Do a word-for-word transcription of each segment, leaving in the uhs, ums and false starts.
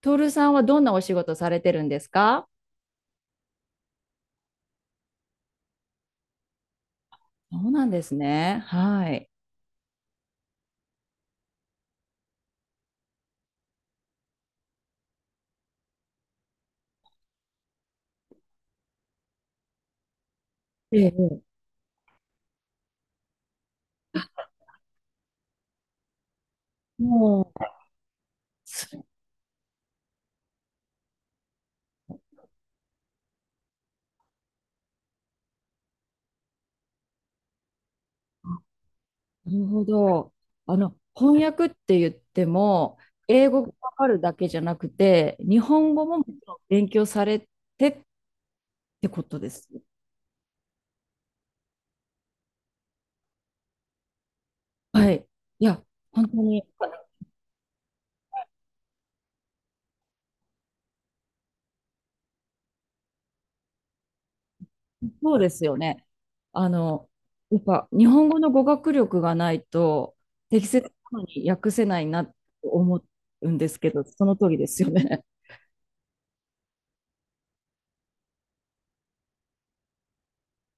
徹さんはどんなお仕事されてるんですか？そうなんですね。はい。ええ、もう、すなるほど。あの、翻訳って言っても、英語がわかるだけじゃなくて、日本語ももちろん勉強されてってことです。はい。いや、本当に、そうですよね。あの、やっぱ、日本語の語学力がないと、適切なのに訳せないなと思うんですけど、その通りですよね。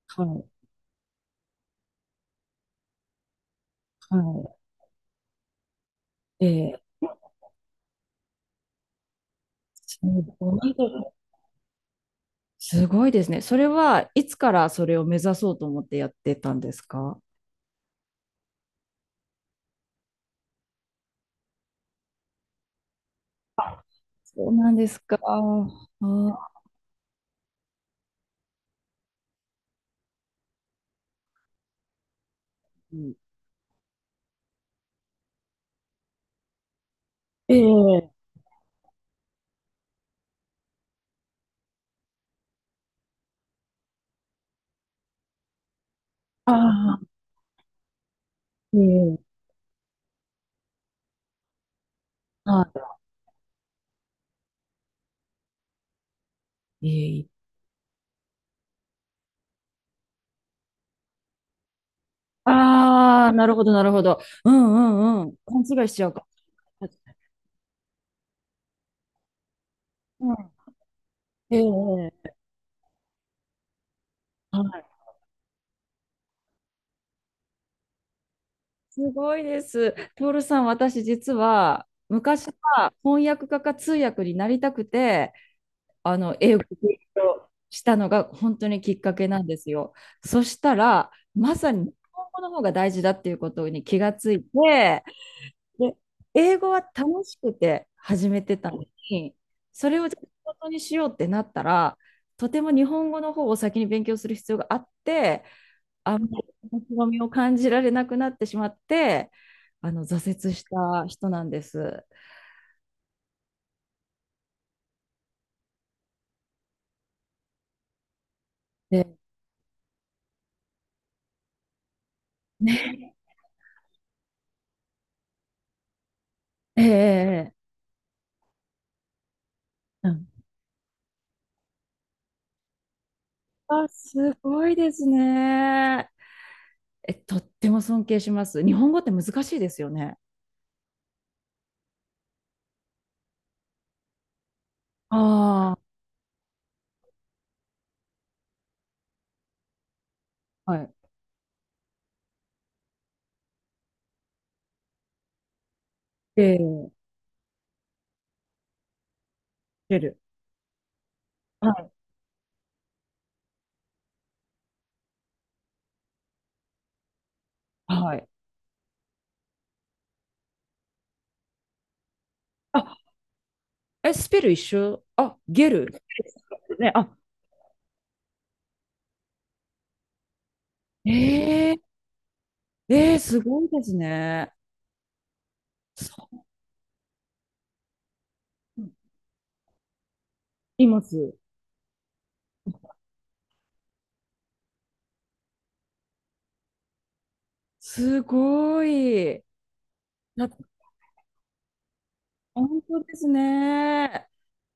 はいはい。えすごい、すごいですね。それはいつからそれを目指そうと思ってやってたんですか？そうなんですか。ああ、ええ、ああ、ええ、ああ、ええ、ああ、なるほど、なるほど。うんうんうん。勘違いしちゃうか。うん、ええ、はい。すごいです。トールさん、私実は昔は翻訳家か通訳になりたくて、あの、英語を勉強したのが本当にきっかけなんですよ。そしたらまさに日本語の方が大事だっていうことに気がついて、で、英語は楽しくて始めてたのに、それを仕事にしようってなったらとても日本語の方を先に勉強する必要があって、あんまり面白みを感じられなくなってしまって、あの、挫折した人なんです。で、ね、え、ええ、ええ、うん、あ、すごいですね。え、とっても尊敬します。日本語って難しいですよね。ああ、はい。ゲル、ゲル。はい。はい。あ、え、スペル一緒？あ、ゲル。ね、あ、えー、えー、すごいですね。そう。います。すごい。な、本当ですね。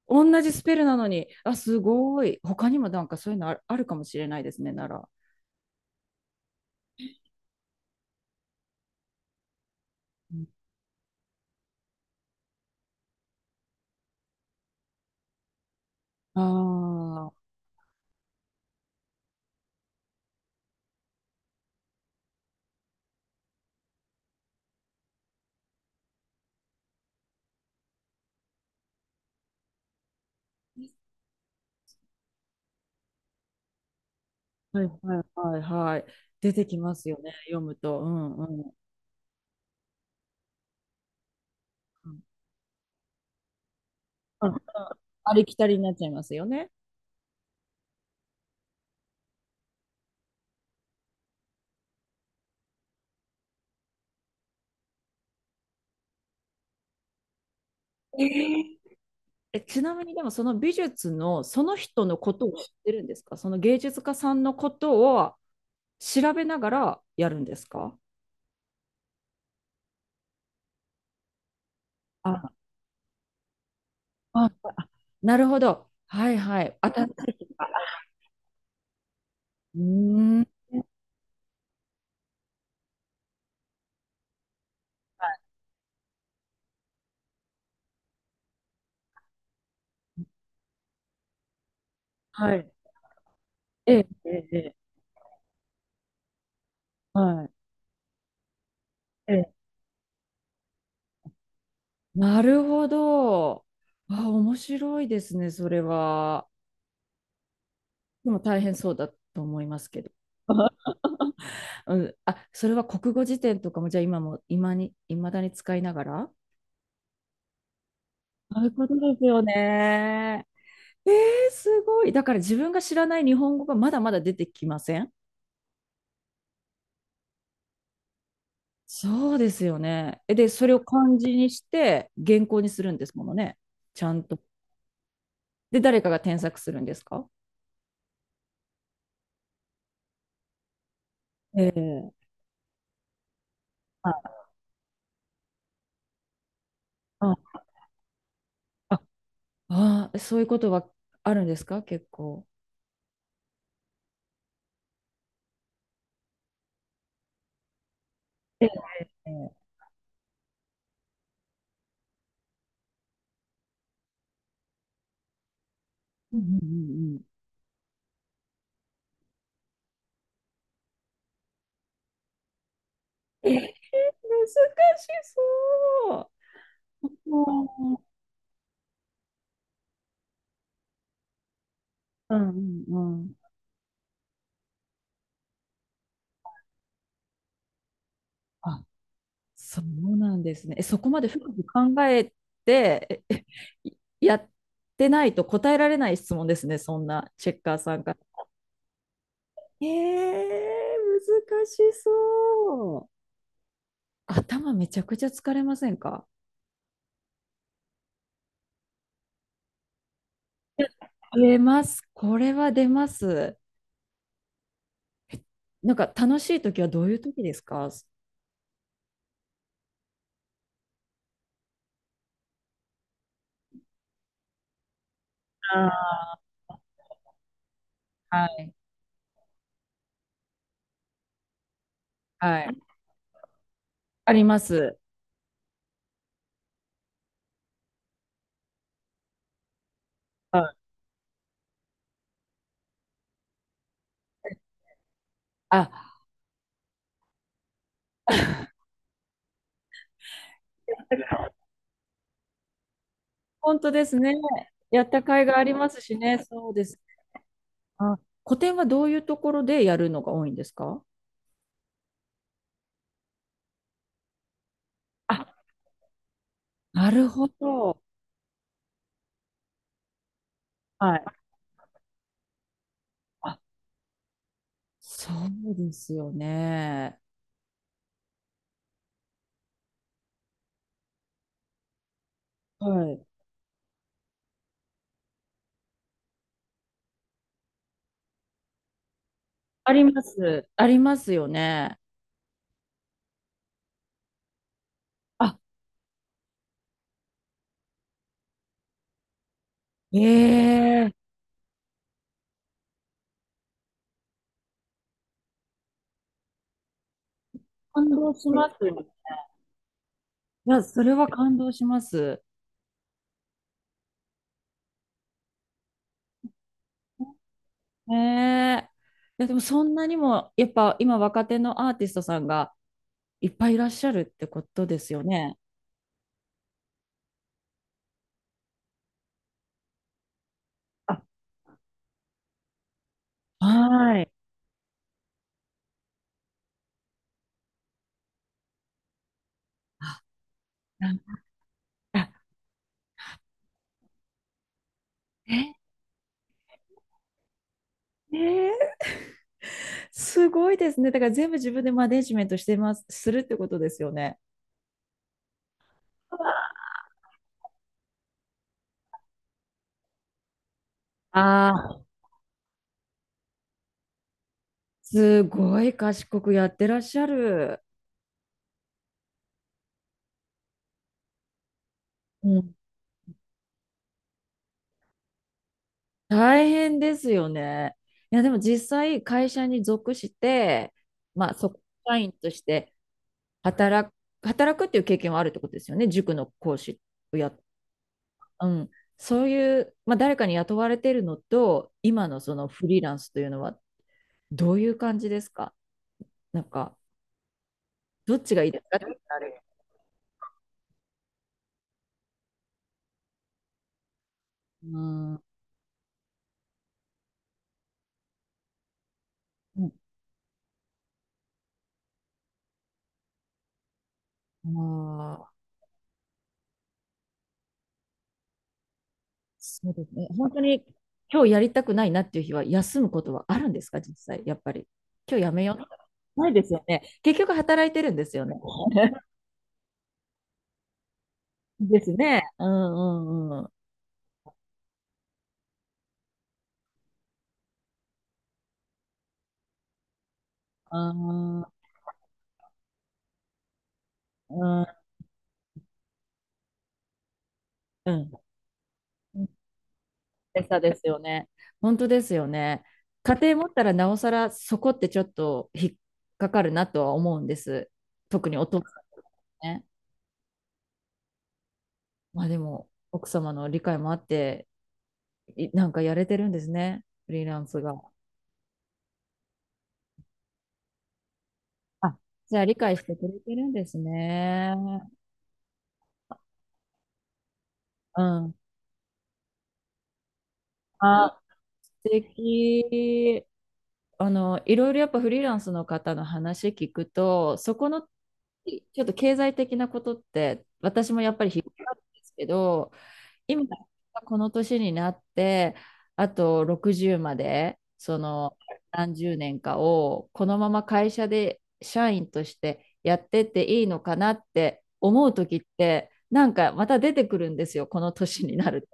同じスペルなのに、あ、すごい。他にもなんかそういうのある、あるかもしれないですね、なら。うん、ああ。はいはいはいはい。出てきますよね、読むと。うんうん。うんうん、ありきたりになっちゃいますよね。えー、え、ちなみにでもその美術のその人のことを知ってるんですか？その芸術家さんのことを調べながらやるんですか？あ、あ、あ、なるほど。はいはい。当たったいとか、うーん。はい。ええ、ええ、ええ、はい。ええ、なるほど。あ、面白いですね、それは。でも大変そうだと思いますけど。うん、あ、それは国語辞典とかも、じゃあ今も、今に、いまだに使いながらそういうことですよね。えー、すごい。だから自分が知らない日本語がまだまだ出てきません？そうですよね。え、で、それを漢字にして原稿にするんですものね。ちゃんと。で、誰かが添削するんですか？えー、あ、ああ、あ、そういうことはあるんですか、結構。ええ、うんうんうんうん、えー、難しそう。うん、うん、うん。あ、そうなんですね。え、そこまで深く考えて、ええ、やってないと答えられない質問ですね、そんなチェッカーさんから。えー、難しそう。頭めちゃくちゃ疲れませんか？出ます。これは出ます。なんか楽しい時はどういう時ですか？あー、はい。はい。あります。はい、あ、本当ですね。やった甲斐がありますしね、そうです。あ、個展はどういうところでやるのが多いんですか？あ、なるほど。はい。あ、そうですよね。はい。あります。ありますよね。あ、ええ、感動します。いや、それは感動します。ええ。いや、でもそんなにも、やっぱ今若手のアーティストさんがいっぱいいらっしゃるってことですよね。あ、はい。あ、え、ね、え、すごいですね。だから全部自分でマネジメントしてます、するってことですよね。ああ、すごい賢くやってらっしゃる。うん。大変ですよね。いや、でも実際会社に属して、まあ、そこ社員として働く、働くっていう経験はあるってことですよね。塾の講師をや、うん。そういう、まあ、誰かに雇われてるのと、今のそのフリーランスというのはどういう感じですか？なんか、どっちがいいですかって言ったらあれ。うん、うん、まあ、そうですね。本当に今日やりたくないなっていう日は休むことはあるんですか、実際、やっぱり。今日やめよう。ないですよね。結局働いてるんですよね。ですね。うんうんうん。あー、うんうん。餌ですよね。本当ですよね。家庭持ったらなおさらそこってちょっと引っかかるなとは思うんです。特にお父さん、ね。まあでも、奥様の理解もあっていなんかやれてるんですね。フリーランスが。あ、じゃあ理解してくれてるんですね。うん。あ、素敵。あの、いろいろやっぱフリーランスの方の話聞くと、そこのちょっと経済的なことって私もやっぱり引っかかるんですけど、今、この年になって、あとろくじゅうまで、その何十年かを、このまま会社で社員としてやってっていいのかなって思う時って、なんかまた出てくるんですよ、この年になると。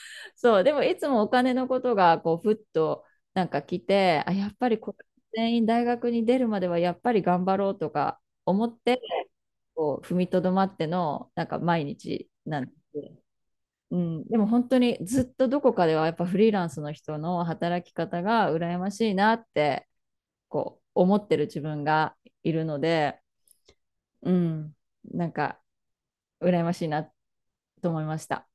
そう、でもいつもお金のことが、こう、ふっとなんか来て、あ、やっぱりこれ全員大学に出るまではやっぱり頑張ろうとか思って、こう踏みとどまっての、なんか毎日なんです。うん、でも本当にずっとどこかではやっぱフリーランスの人の働き方が羨ましいなってこう思ってる自分がいるので、うん、なんか羨ましいなと思いました。